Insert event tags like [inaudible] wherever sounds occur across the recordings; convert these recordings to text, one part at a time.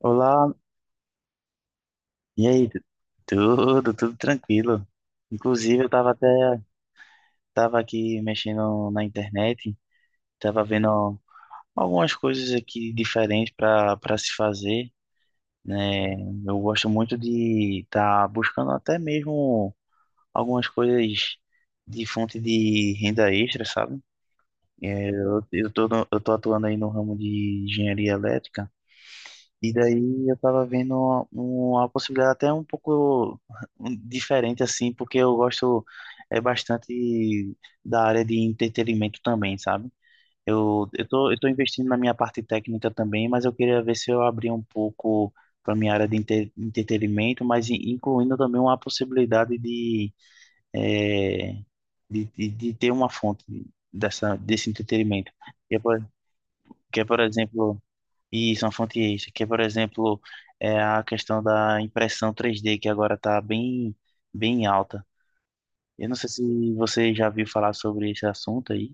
Olá, e aí? Tudo, tudo tranquilo. Inclusive, eu tava até, tava aqui mexendo na internet, tava vendo algumas coisas aqui diferentes para se fazer, né? Eu gosto muito de estar buscando até mesmo algumas coisas de fonte de renda extra, sabe? Eu tô, eu tô atuando aí no ramo de engenharia elétrica. E daí eu tava vendo uma possibilidade até um pouco diferente, assim, porque eu gosto é bastante da área de entretenimento também, sabe? Eu tô investindo na minha parte técnica também, mas eu queria ver se eu abria um pouco para minha área de entretenimento, mas incluindo também uma possibilidade de, eh, de ter uma fonte desse entretenimento. Que é, por, que é, por exemplo, isso, uma fonte extra, que é, por exemplo, é a questão da impressão 3D, que agora está bem alta. Eu não sei se você já viu falar sobre esse assunto aí.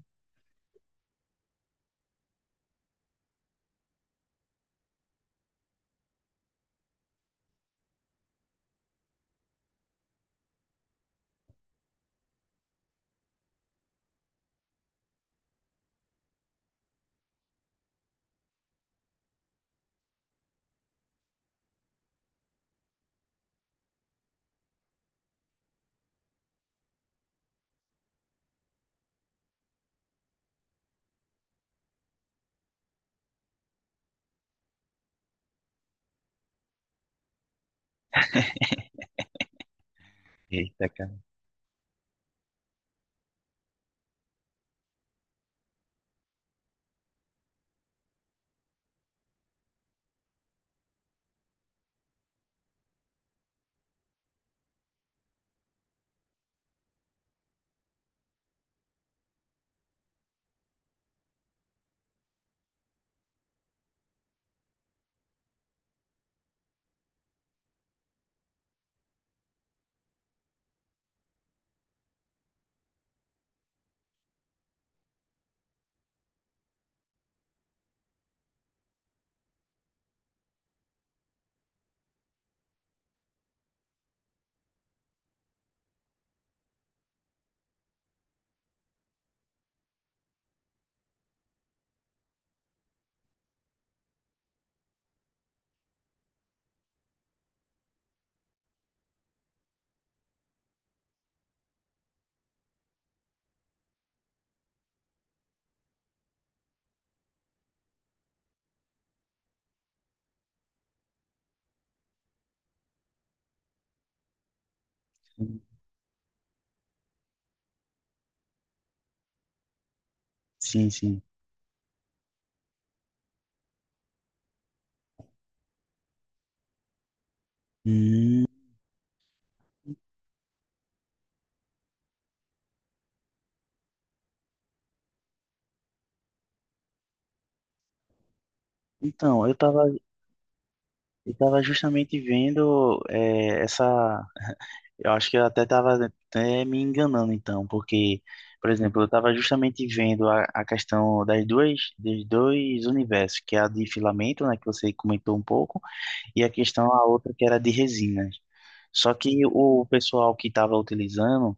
Eita, cara. Sim, sim. Hum, então, eu tava justamente vendo essa. Eu acho que eu até estava até me enganando, então, porque, por exemplo, eu estava justamente vendo a questão dos dois universos, que é a de filamento, né, que você comentou um pouco e a outra que era de resinas. Só que o pessoal que estava utilizando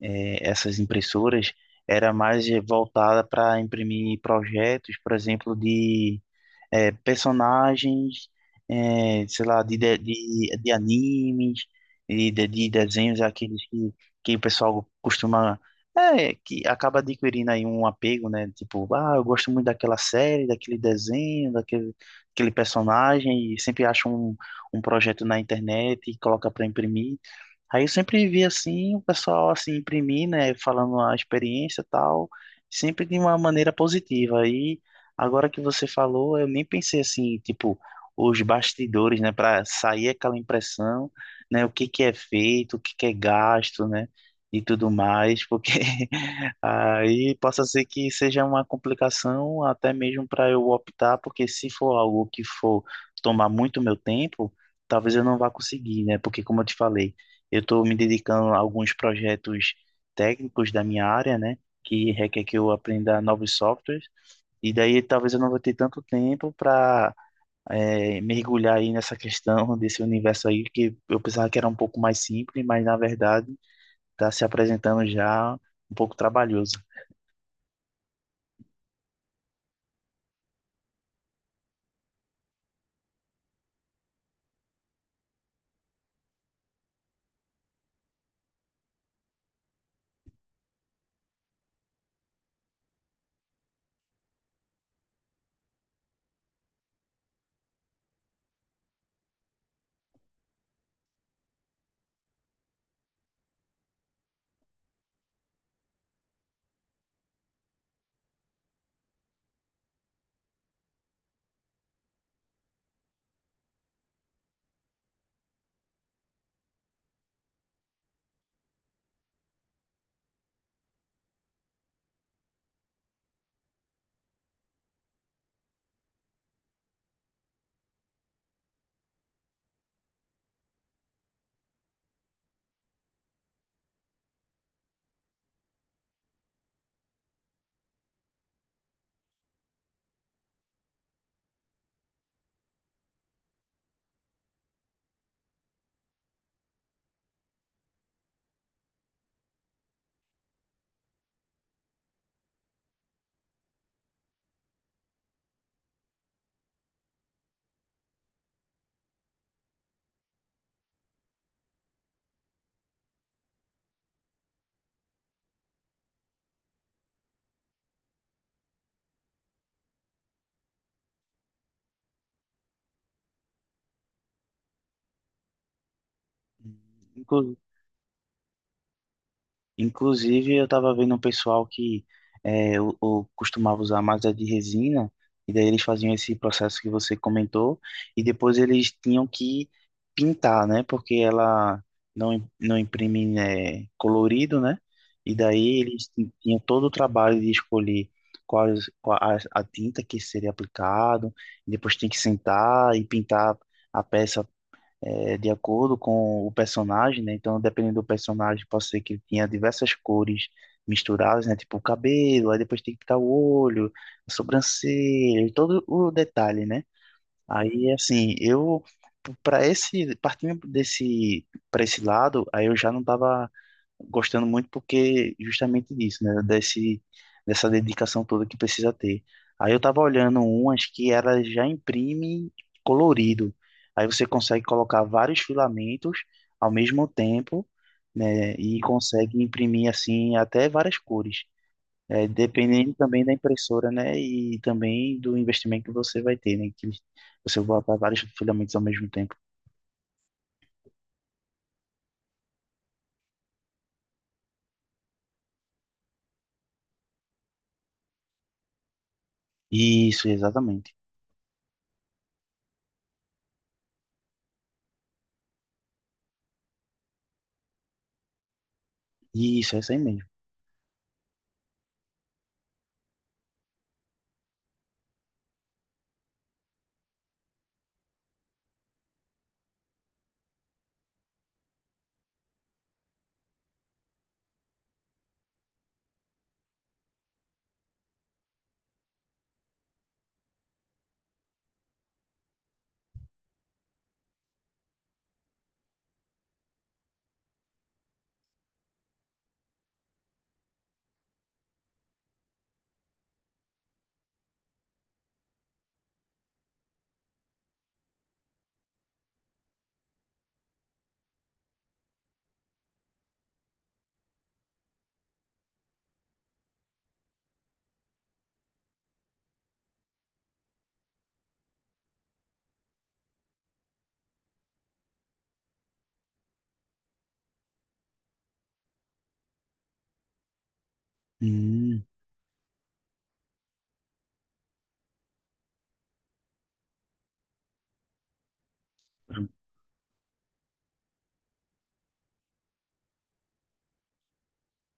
essas impressoras era mais voltada para imprimir projetos, por exemplo, de personagens, é, sei lá, de animes, e de desenhos, é aqueles que o pessoal costuma. É, que acaba adquirindo aí um apego, né? Tipo, ah, eu gosto muito daquela série, daquele desenho, daquele personagem, e sempre acha um, um projeto na internet e coloca para imprimir. Aí eu sempre vi assim, o pessoal assim imprimir, né, falando a experiência e tal, sempre de uma maneira positiva. Aí agora que você falou, eu nem pensei assim, tipo, os bastidores, né, para sair aquela impressão, né, o que que é feito, o que que é gasto, né, e tudo mais, porque [laughs] aí possa ser que seja uma complicação até mesmo para eu optar, porque se for algo que for tomar muito meu tempo, talvez eu não vá conseguir, né, porque como eu te falei, eu estou me dedicando a alguns projetos técnicos da minha área, né, que requer que eu aprenda novos softwares e daí talvez eu não vou ter tanto tempo para mergulhar aí nessa questão [laughs] desse universo aí, que eu pensava que era um pouco mais simples, mas na verdade está se apresentando já um pouco trabalhoso. Inclu- Inclusive, eu tava vendo um pessoal que é, costumava usar mais a de resina, e daí eles faziam esse processo que você comentou, e depois eles tinham que pintar, né? Porque ela não, não imprime, né, colorido, né? E daí eles tinham todo o trabalho de escolher quais, qual a tinta que seria aplicado, e depois tem que sentar e pintar a peça é, de acordo com o personagem, né? Então, dependendo do personagem, pode ser que ele tinha diversas cores misturadas, né? Tipo o cabelo, aí depois tem que pintar o olho, a sobrancelha, e todo o detalhe, né? Aí, assim, eu para esse partindo desse para esse lado, aí eu já não tava gostando muito porque justamente disso, né? Dessa dedicação toda que precisa ter. Aí eu tava olhando umas que ela já imprime colorido. Aí você consegue colocar vários filamentos ao mesmo tempo, né? E consegue imprimir assim até várias cores. É, dependendo também da impressora, né? E também do investimento que você vai ter, né? Que você vai botar vários filamentos ao mesmo tempo. Isso, exatamente. Isso, é isso aí mesmo. Hum.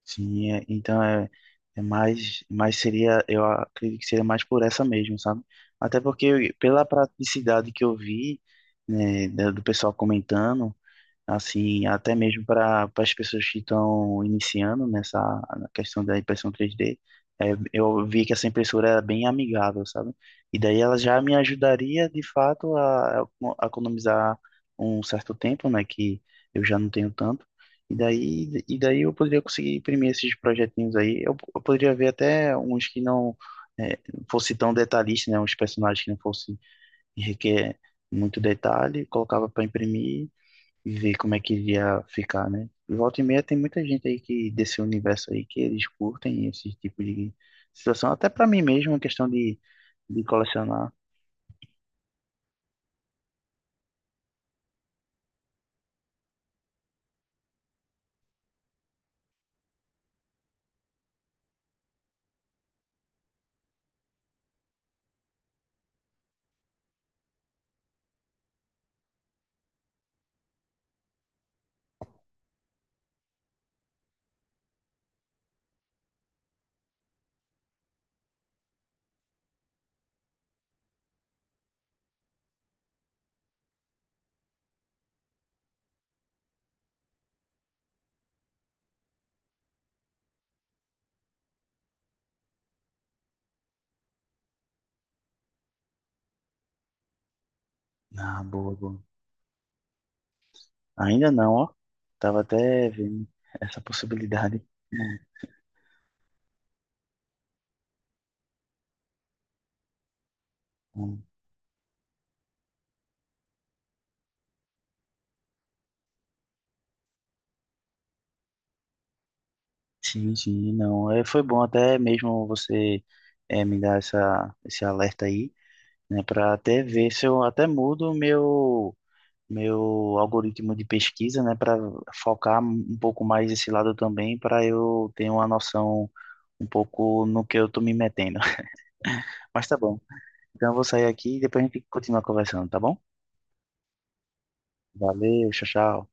Sim, então é, mais seria, eu acredito que seria mais por essa mesmo, sabe? Até porque pela praticidade que eu vi, né, do pessoal comentando assim, até mesmo para as pessoas que estão iniciando nessa na questão da impressão 3D. É, eu vi que essa impressora era bem amigável, sabe? E daí ela já me ajudaria, de fato, a economizar um certo tempo, né, que eu já não tenho tanto. E daí eu poderia conseguir imprimir esses projetinhos aí. Eu poderia ver até uns que não é, fosse tão detalhista, né? Uns personagens que não fosse requer muito detalhe, colocava para imprimir e ver como é que iria ficar, né? Volta e meia tem muita gente aí que desse universo aí que eles curtem esse tipo de situação. Até pra mim mesmo, uma questão de colecionar. Ah, boa, boa. Ainda não, ó. Tava até vendo essa possibilidade. Hum, Sim, sim, não. É, foi bom até mesmo você é, me dar essa, esse alerta aí, né? Pra até ver se eu até mudo o meu algoritmo de pesquisa, né, para focar um pouco mais esse lado também, para eu ter uma noção um pouco no que eu tô me metendo. [laughs] Mas tá bom. Então eu vou sair aqui e depois a gente continua conversando, tá bom? Valeu, tchau, tchau.